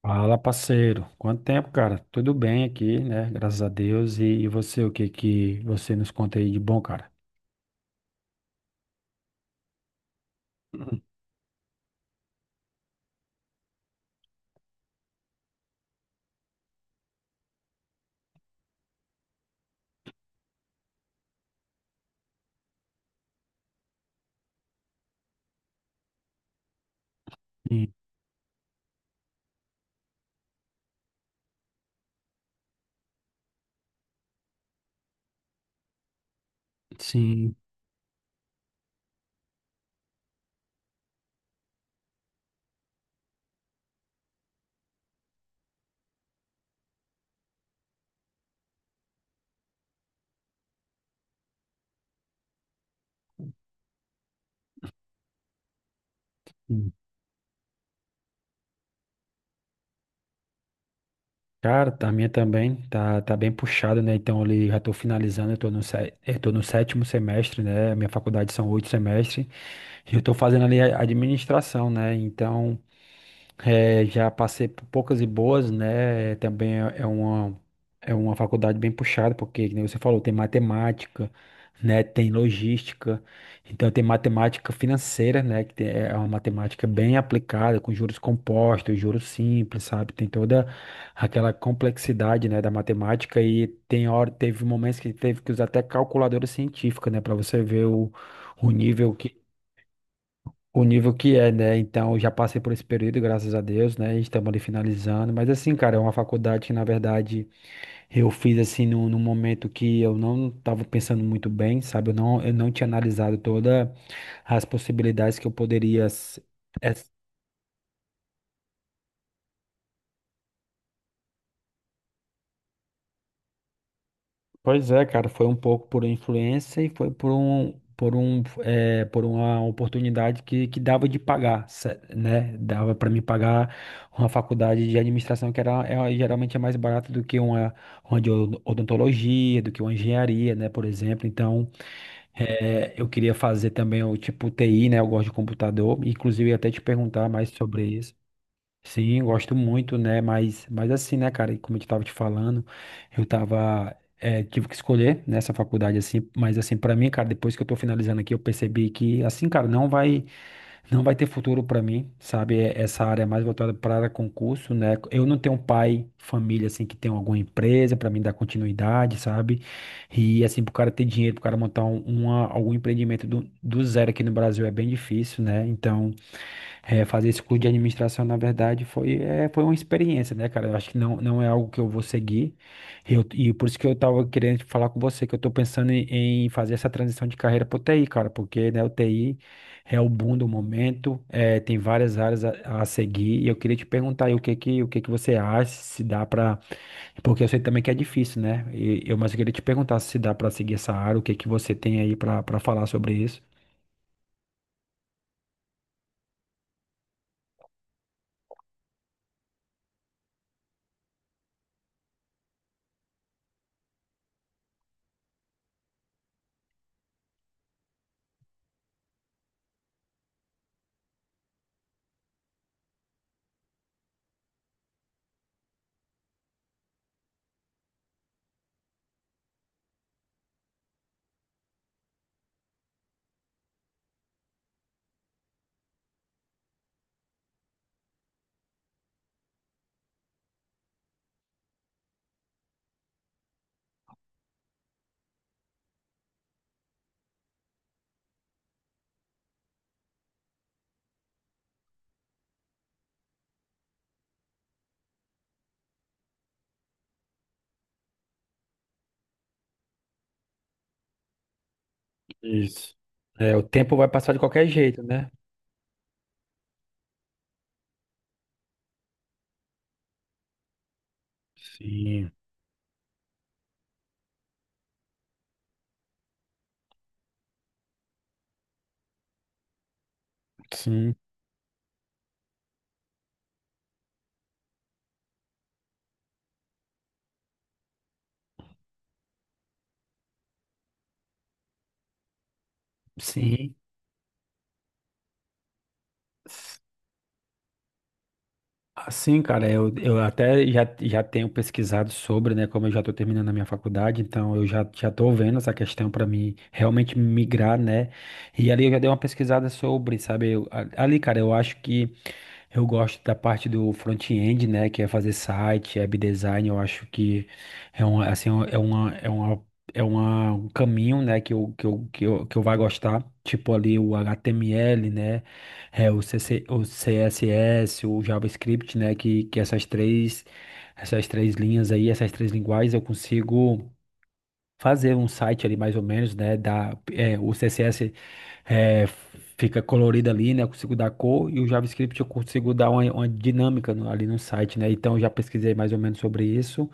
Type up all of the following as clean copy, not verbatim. Fala, parceiro. Quanto tempo, cara? Tudo bem aqui, né? Graças a Deus. E você, o que que você nos conta aí de bom, cara? Hum. Sim, sim. Sim. Cara, a minha também tá bem puxada, né? Então ali já tô finalizando, eu tô no sétimo semestre, né? A minha faculdade são oito semestres. E eu tô fazendo ali a administração, né? Então, é, já passei por poucas e boas, né? Também é uma, é uma faculdade bem puxada, porque, como você falou, tem matemática, né? Tem logística, então tem matemática financeira, né? É uma matemática bem aplicada, com juros compostos, juros simples, sabe? Tem toda aquela complexidade, né, da matemática e tem hora, teve momentos que teve que usar até calculadora científica, né? Para você ver o nível, o nível que é, né? Então, eu já passei por esse período, graças a Deus, né? Estamos ali finalizando. Mas, assim, cara, é uma faculdade que, na verdade, eu fiz, assim, num momento que eu não estava pensando muito bem, sabe? Eu não tinha analisado todas as possibilidades que eu poderia. Pois é, cara, foi um pouco por influência e foi por uma oportunidade que dava de pagar, né? Dava para me pagar uma faculdade de administração que era, é, geralmente é mais barata do que uma de odontologia, do que uma engenharia, né? Por exemplo, então eu queria fazer também o tipo TI, né? Eu gosto de computador, inclusive eu ia até te perguntar mais sobre isso. Sim, gosto muito, né? Mas assim, né, cara, e como eu estava te falando, eu tava, tive que escolher nessa faculdade, assim, mas assim, para mim, cara, depois que eu tô finalizando aqui, eu percebi que, assim, cara, não vai ter futuro para mim, sabe? Essa área é mais voltada para concurso, né? Eu não tenho pai, família, assim, que tem alguma empresa para mim dar continuidade, sabe? E, assim, pro cara ter dinheiro, pro cara montar algum empreendimento do zero aqui no Brasil é bem difícil, né? Então, é, fazer esse curso de administração, na verdade, foi uma experiência, né, cara? Eu acho que não é algo que eu vou seguir. E por isso que eu tava querendo falar com você, que eu tô pensando em fazer essa transição de carreira pro TI, cara, porque, né, o TI é o boom do momento, é, tem várias áreas a seguir, e eu queria te perguntar aí o que que você acha, se dá pra... Porque eu sei também que é difícil, né? Mas eu queria te perguntar se dá pra seguir essa área, o que que você tem aí pra falar sobre isso. Isso. É, o tempo vai passar de qualquer jeito, né? Sim, sim, sim. Assim, cara, já tenho pesquisado sobre, né? Como eu já estou terminando a minha faculdade, então eu já estou vendo essa questão para mim realmente migrar, né? E ali eu já dei uma pesquisada sobre, sabe? Ali, cara, eu acho que eu gosto da parte do front-end, né, que é fazer site, web design. Eu acho que é um, assim, um caminho, né, que eu vai gostar, tipo ali o HTML, né, é, o CC, o CSS, o JavaScript, né, que essas três linhas aí, essas três linguagens eu consigo fazer um site ali mais ou menos, né? Dar, é, o CSS é, fica colorido ali, né? Eu consigo dar cor e o JavaScript eu consigo dar uma dinâmica ali no site, né? Então eu já pesquisei mais ou menos sobre isso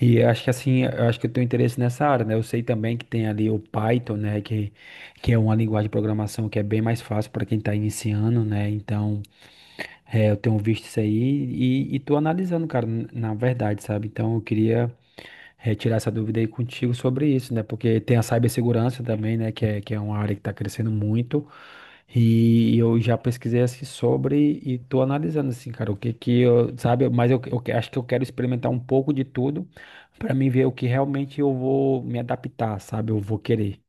e eu acho que assim, eu acho que eu tenho interesse nessa área, né? Eu sei também que tem ali o Python, né? Que é uma linguagem de programação que é bem mais fácil para quem está iniciando, né? Então é, eu tenho visto isso aí e tô analisando, cara, na verdade, sabe? Então eu queria retirar essa dúvida aí contigo sobre isso, né? Porque tem a cibersegurança também, né? Que é uma área que está crescendo muito. E eu já pesquisei assim sobre e tô analisando assim, cara, o que que eu, sabe, mas acho que eu quero experimentar um pouco de tudo para mim ver o que realmente eu vou me adaptar, sabe? Eu vou querer.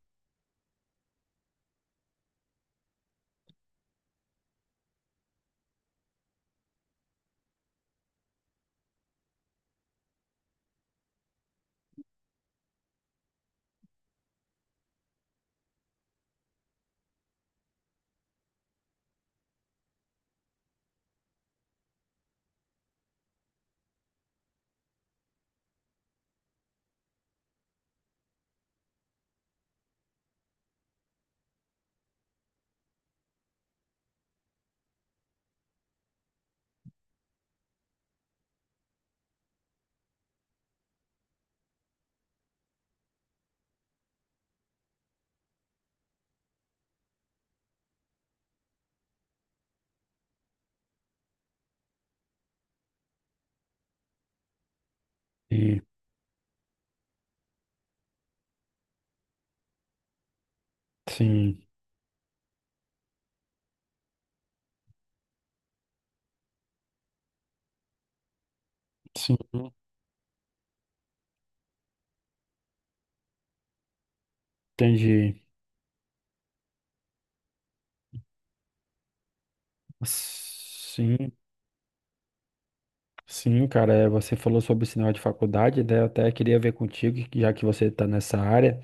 E, sim, sim, entendi. Sim, sim, cara, é, você falou sobre o sinal de faculdade, né? Eu até queria ver contigo, que já que você está nessa área.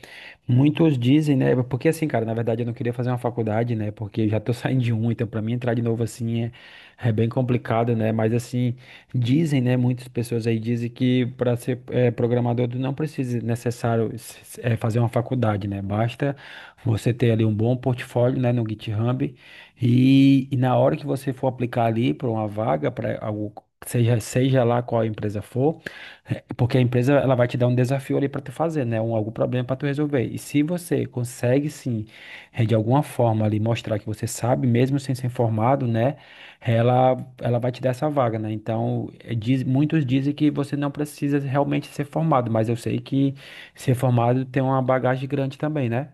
Muitos dizem, né? Porque assim, cara, na verdade eu não queria fazer uma faculdade, né? Porque eu já tô saindo de um, então pra mim entrar de novo assim é, é bem complicado, né? Mas assim, dizem, né? Muitas pessoas aí dizem que para ser programador tu não precisa necessário fazer uma faculdade, né? Basta você ter ali um bom portfólio, né? No GitHub e na hora que você for aplicar ali para uma vaga, para algo, seja lá qual a empresa for. É, porque a empresa ela vai te dar um desafio ali para tu fazer, né? Um, algum problema para tu resolver. E se você consegue sim, de alguma forma ali mostrar que você sabe, mesmo sem ser formado, né? Ela vai te dar essa vaga, né? Então, muitos dizem que você não precisa realmente ser formado, mas eu sei que ser formado tem uma bagagem grande também, né?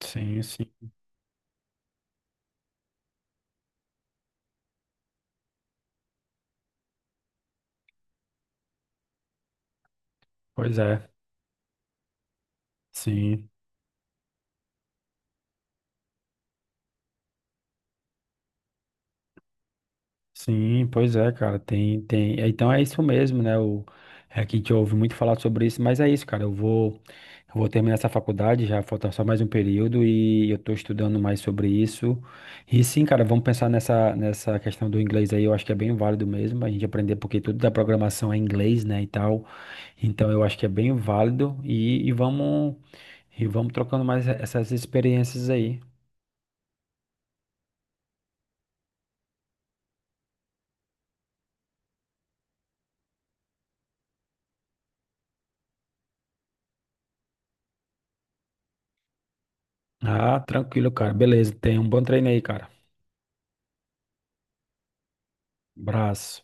Sim, sim. Pois é. Sim. Sim, pois é, cara, tem, tem. É, então é isso mesmo, né? É que a gente ouve muito falar sobre isso, mas é isso, cara. Eu vou terminar essa faculdade, já falta só mais um período e eu tô estudando mais sobre isso. E sim, cara, vamos pensar nessa questão do inglês aí, eu acho que é bem válido mesmo a gente aprender, porque tudo da programação é inglês, né, e tal. Então eu acho que é bem válido e vamos trocando mais essas experiências aí. Ah, tranquilo, cara. Beleza, tenha um bom treino aí, cara. Abraço.